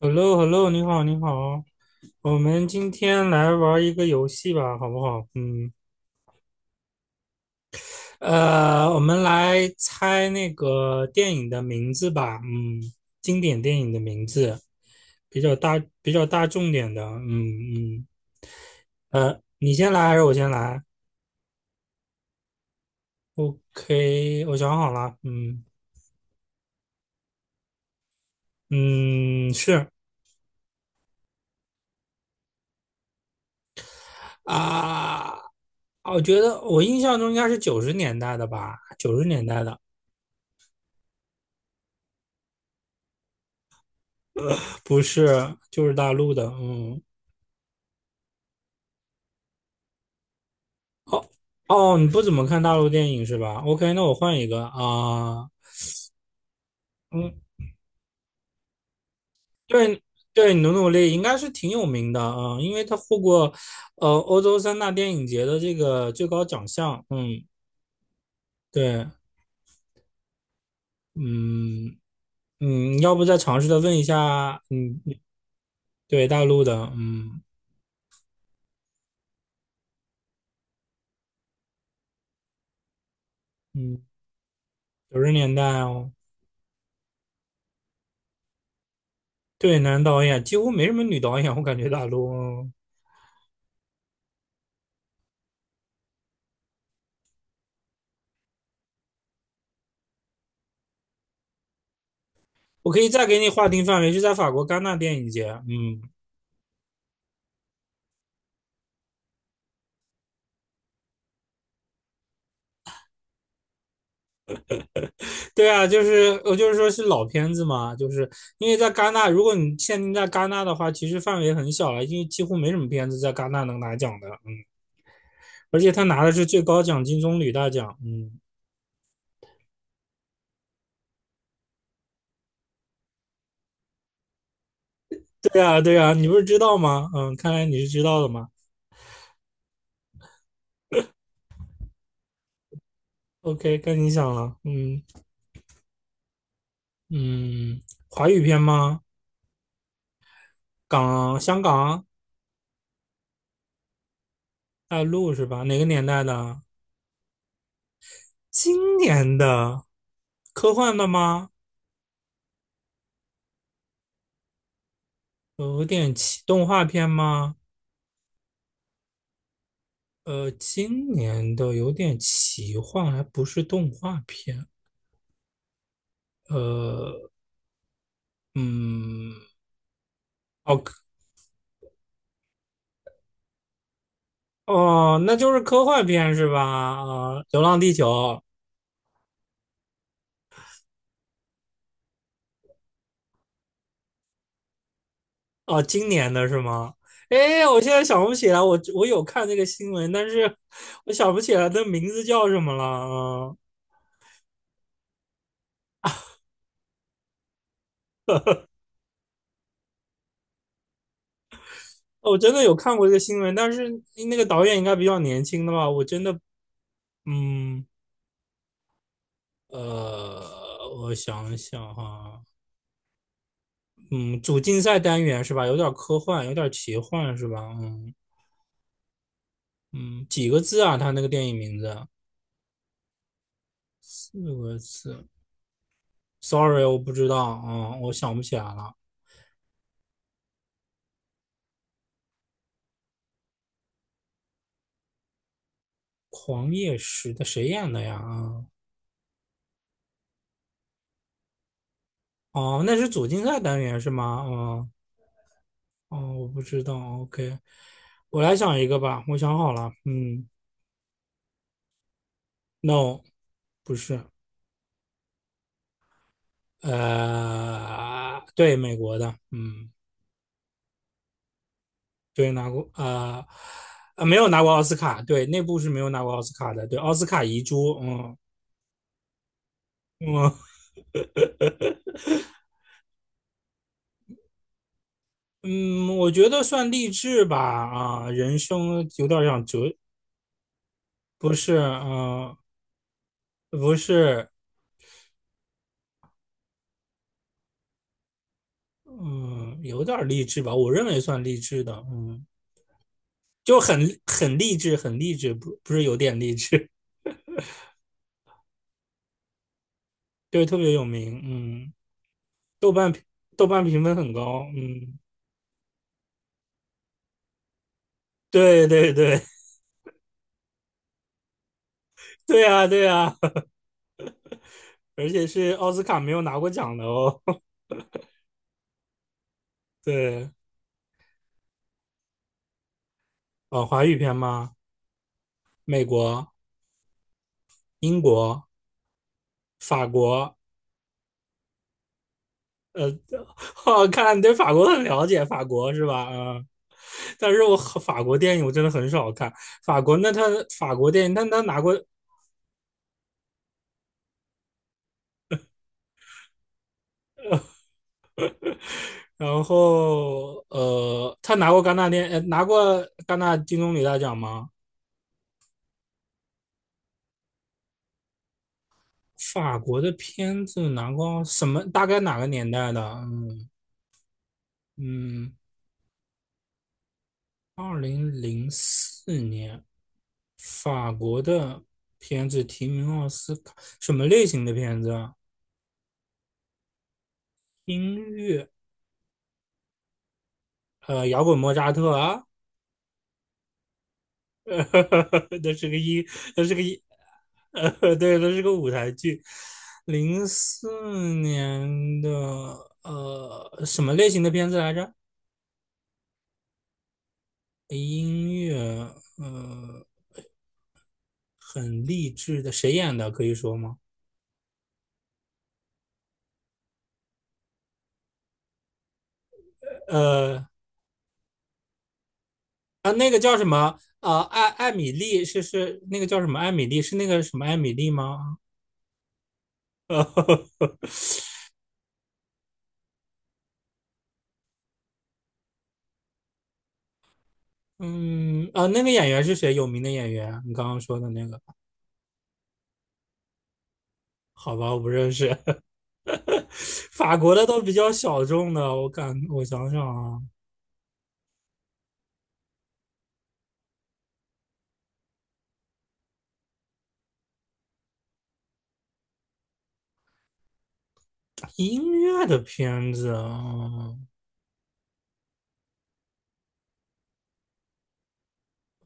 h e l l o h e l l o 你好，你好，我们今天来玩一个游戏吧，好不好？嗯，我们来猜那个电影的名字吧，嗯，经典电影的名字，比较大，比较大众点的，嗯嗯，你先来还是我先来？OK，我想好了，嗯嗯，是啊，我觉得我印象中应该是九十年代的吧，九十年代的。不是，就是大陆的，嗯。哦哦，你不怎么看大陆电影是吧？OK，那我换一个啊、嗯，对对，努努力应该是挺有名的啊、因为他获过欧洲三大电影节的这个最高奖项。嗯，对，嗯嗯，要不再尝试的问一下，嗯，对大陆的，嗯嗯，九十年代哦。对，男导演几乎没什么女导演，我感觉大陆，哦，我可以再给你划定范围，是在法国戛纳电影节。嗯。对啊，就是我就是说是老片子嘛，就是因为在戛纳，如果你限定在戛纳的话，其实范围很小了，因为几乎没什么片子在戛纳能拿奖的，嗯，而且他拿的是最高奖金棕榈大奖。嗯，对啊，对啊，你不是知道吗？嗯，看来你是知道的嘛。OK，该你讲了。嗯嗯，华语片吗？香港、大陆是吧？哪个年代的？今年的，科幻的吗？有点动画片吗？今年的有点奇幻，还不是动画片。呃，嗯，哦哦，那就是科幻片是吧？啊、流浪地球》哦，今年的是吗？哎，我现在想不起来，我有看那个新闻，但是我想不起来的名字叫什么了啊、哦，我真的有看过这个新闻，但是那个导演应该比较年轻的吧？我真的，嗯，呃，我想想哈、嗯，主竞赛单元是吧？有点科幻，有点奇幻是吧？嗯嗯，几个字啊？他那个电影名字四个字，sorry，我不知道啊、我想不起来了。狂野时的谁演的呀？啊，哦，那是主竞赛单元是吗？嗯，哦，我不知道。OK，我来想一个吧，我想好了。嗯，No，不是，对，美国的，嗯。对，拿过啊没有拿过奥斯卡。对，那部是没有拿过奥斯卡的，对，奥斯卡遗珠，嗯，我嗯，我觉得算励志吧，啊、人生有点像哲。不是，嗯、不是，嗯，有点励志吧，我认为算励志的，嗯，就很励志，很励志，不是有点励志。对，特别有名，嗯，豆瓣评豆瓣评分很高，嗯，对对对 对啊对啊，而且是奥斯卡没有拿过奖的哦。对，哦，华语片吗？美国、英国、法国。哦，看来你对法国很了解，法国是吧？嗯，但是我和法国电影我真的很少看。法国，那他法国电影，但他拿过。然后他拿过戛纳电，呃，拿过戛纳金棕榈大奖吗？法国的片子拿过什么？大概哪个年代的？嗯嗯，2004年，法国的片子提名奥斯卡，什么类型的片子啊？音乐，摇滚莫扎特啊。那 是个音，那是个音，呃，对，那是个舞台剧。零四年的，什么类型的片子来着？音乐，呃，很励志的，谁演的？可以说吗？呃，那个叫什么？啊，艾米丽是那个叫什么？艾米丽是那个什么艾米丽吗？嗯，啊，那个演员是谁？有名的演员？你刚刚说的那个？好吧，我不认识。法国的都比较小众的，我想想啊，音乐的片子啊，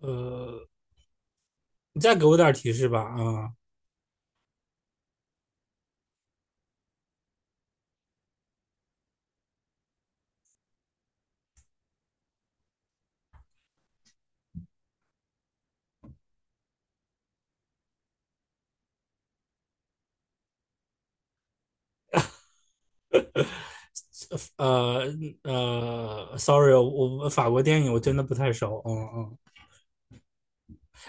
呃，你再给我点提示吧啊，呃sorry，我法国电影我真的不太熟，嗯嗯。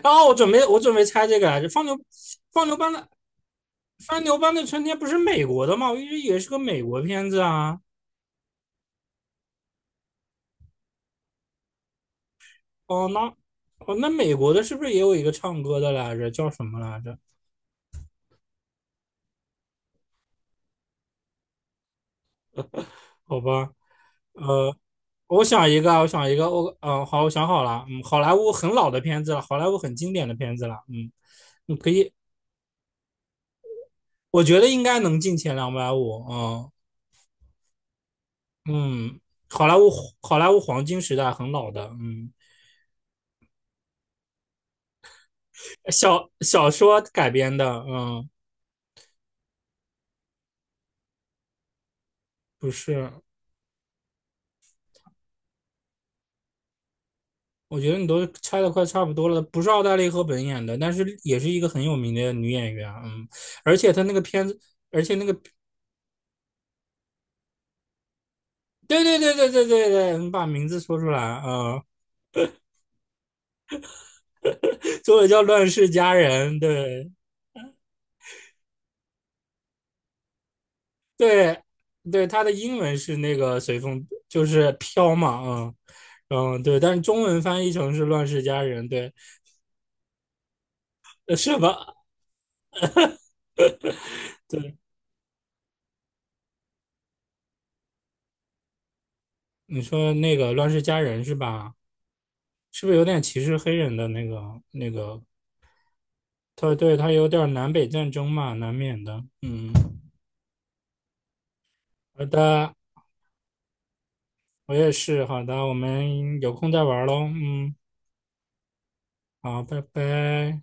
然后我准备猜这个来着，放牛放牛班的三牛班的春天不是美国的吗？我一直以为是个美国片子啊。哦，那哦，那美国的是不是也有一个唱歌的来着？叫什么来着？好吧，呃，我想一个啊，好，我想好了，嗯，好莱坞很老的片子了，好莱坞很经典的片子了，嗯，你可以，我觉得应该能进前250，嗯嗯，好莱坞好莱坞黄金时代很老的，嗯，小说改编的，嗯，不是，我觉得你都猜的快差不多了，不是奥黛丽·赫本演的，但是也是一个很有名的女演员，嗯，而且她那个片子，而且那个，对对对对对对对，你把名字说出来啊，作为叫《乱世佳人》，对对对，她的英文是那个随风，就是飘嘛，啊嗯嗯，对，但是中文翻译成是《乱世佳人》，对，是吧？对，你说那个《乱世佳人》是吧？是不是有点歧视黑人的那个对对，它有点南北战争嘛，难免的。嗯，好的，我也是。好的，我们有空再玩喽。嗯，好，拜拜。